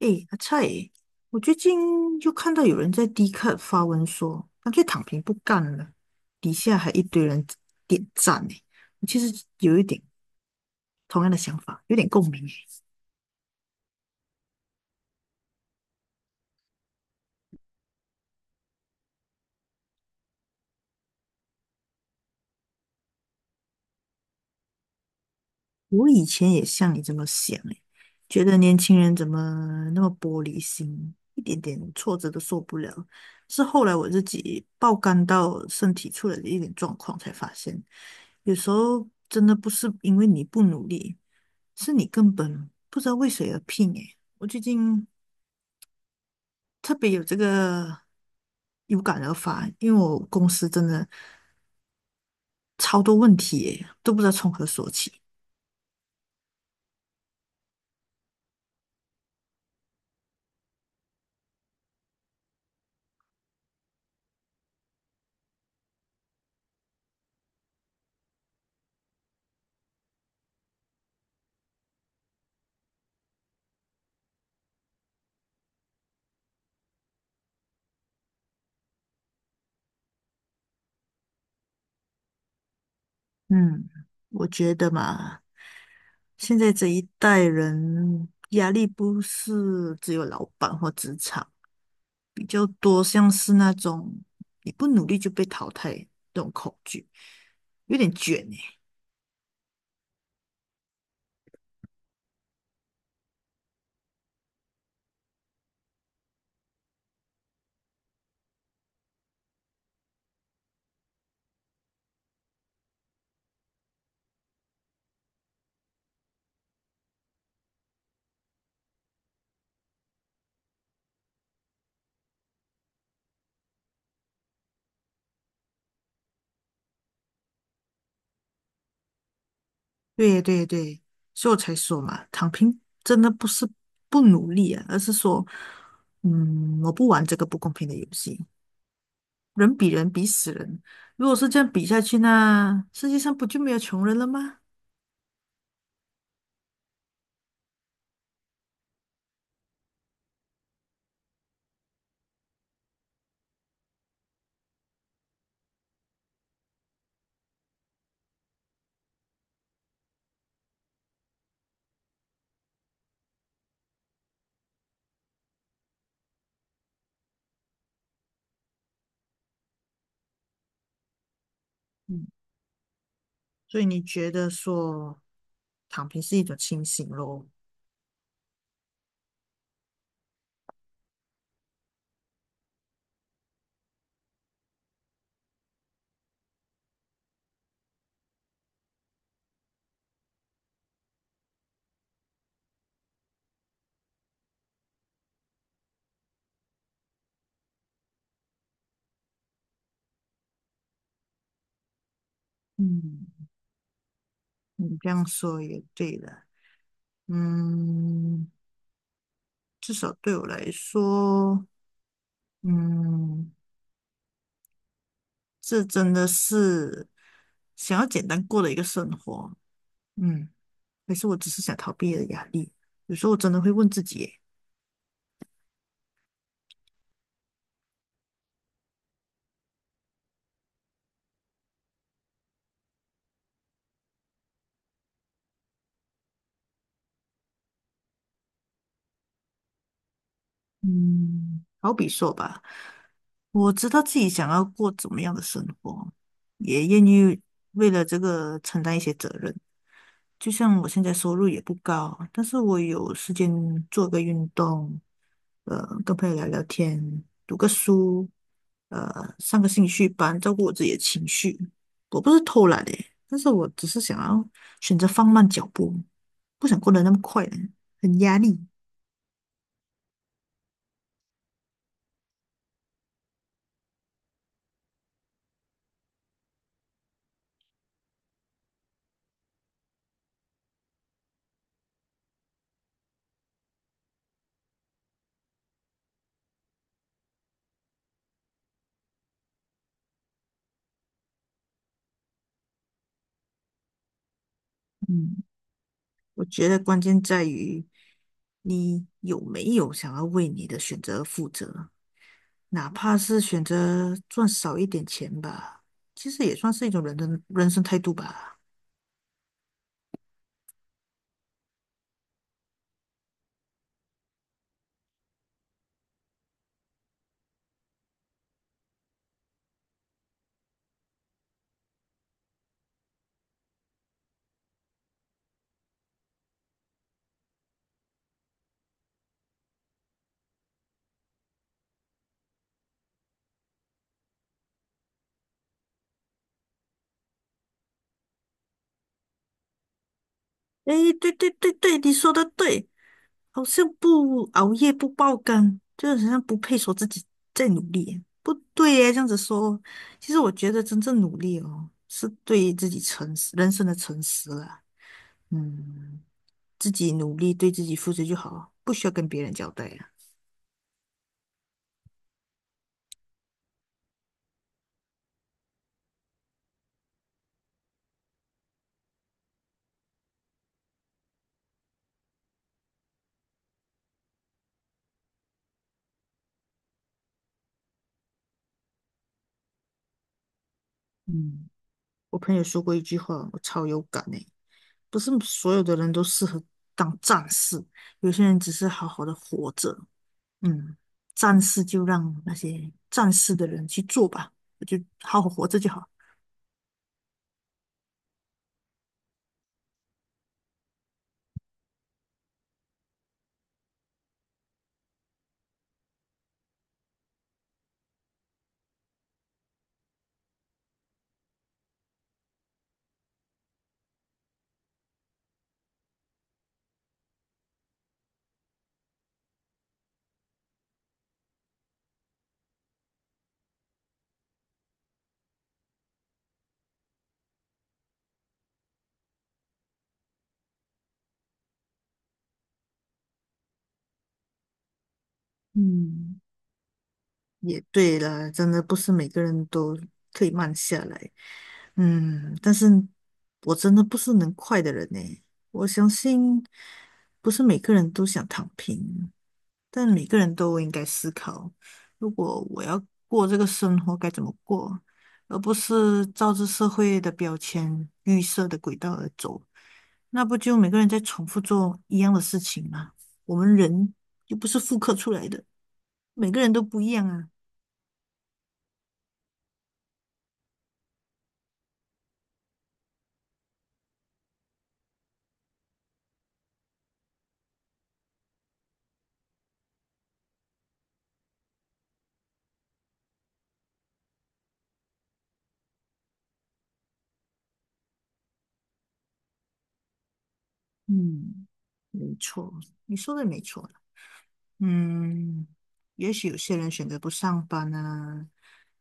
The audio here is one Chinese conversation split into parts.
诶，阿菜欸，我最近就看到有人在 d 卡发文说，干脆躺平不干了，底下还一堆人点赞诶。我其实有一点同样的想法，有点共鸣诶。我以前也像你这么想诶，觉得年轻人怎么那么玻璃心，一点点挫折都受不了。是后来我自己爆肝到身体出了一点状况，才发现有时候真的不是因为你不努力，是你根本不知道为谁而拼诶。我最近特别有这个有感而发，因为我公司真的超多问题耶，都不知道从何说起。嗯，我觉得嘛，现在这一代人压力不是只有老板或职场，比较多像是那种你不努力就被淘汰这种恐惧，有点卷诶。对对对，所以我才说嘛，躺平真的不是不努力啊，而是说，嗯，我不玩这个不公平的游戏。人比人比死人，如果是这样比下去，呢，世界上不就没有穷人了吗？嗯，所以你觉得说躺平是一种清醒咯？嗯，你这样说也对了。嗯，至少对我来说，嗯，这真的是想要简单过的一个生活。嗯，还是我只是想逃避的压力。有时候我真的会问自己耶。嗯，好比说吧，我知道自己想要过怎么样的生活，也愿意为了这个承担一些责任，就像我现在收入也不高，但是我有时间做个运动，跟朋友聊聊天，读个书，上个兴趣班，照顾我自己的情绪。我不是偷懒的，但是我只是想要选择放慢脚步，不想过得那么快了，很压力。嗯，我觉得关键在于你有没有想要为你的选择负责。哪怕是选择赚少一点钱吧，其实也算是一种人的人生态度吧。诶，对对对对，你说的对，好像不熬夜不爆肝，就是好像不配说自己在努力。不对耶，这样子说，其实我觉得真正努力哦，是对自己诚实，人生的诚实啦。嗯，自己努力，对自己负责就好，不需要跟别人交代啊。嗯。我朋友说过一句话，我超有感诶，不是所有的人都适合当战士，有些人只是好好的活着。嗯，战士就让那些战士的人去做吧，我就好好活着就好。嗯，也对了，真的不是每个人都可以慢下来。嗯，但是我真的不是能快的人呢，我相信不是每个人都想躺平，但每个人都应该思考，如果我要过这个生活该怎么过，而不是照着社会的标签、预设的轨道而走，那不就每个人在重复做一样的事情吗？我们人又不是复刻出来的，每个人都不一样啊。嗯，没错，你说的没错。嗯，也许有些人选择不上班啊，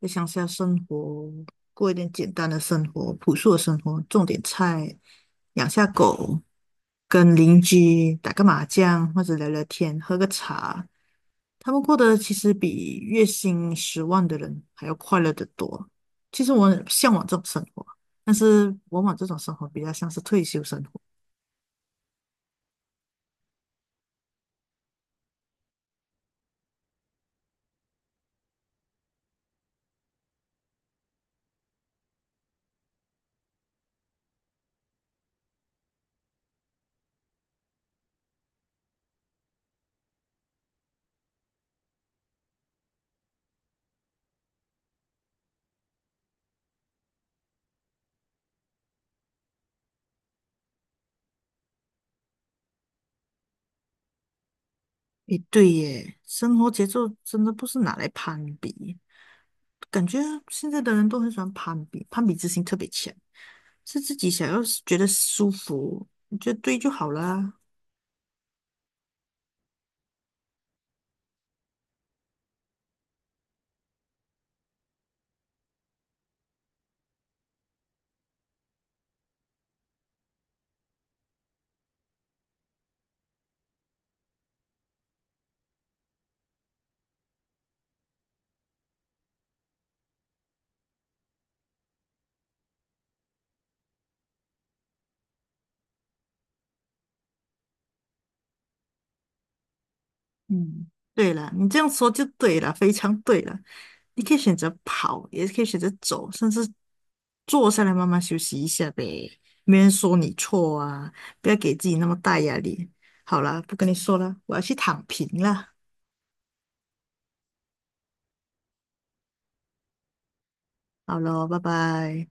在乡下生活，过一点简单的生活，朴素的生活，种点菜，养下狗，跟邻居打个麻将，或者聊聊天，喝个茶。他们过得其实比月薪10万的人还要快乐得多。其实我很向往这种生活，但是往往这种生活比较像是退休生活。诶，对耶，生活节奏真的不是拿来攀比，感觉现在的人都很喜欢攀比，攀比之心特别强，是自己想要觉得舒服，你觉得对就好啦。嗯，对了，你这样说就对了，非常对了。你可以选择跑，也可以选择走，甚至坐下来慢慢休息一下呗。没人说你错啊，不要给自己那么大压力。好啦，不跟你说了，我要去躺平了。好了，拜拜。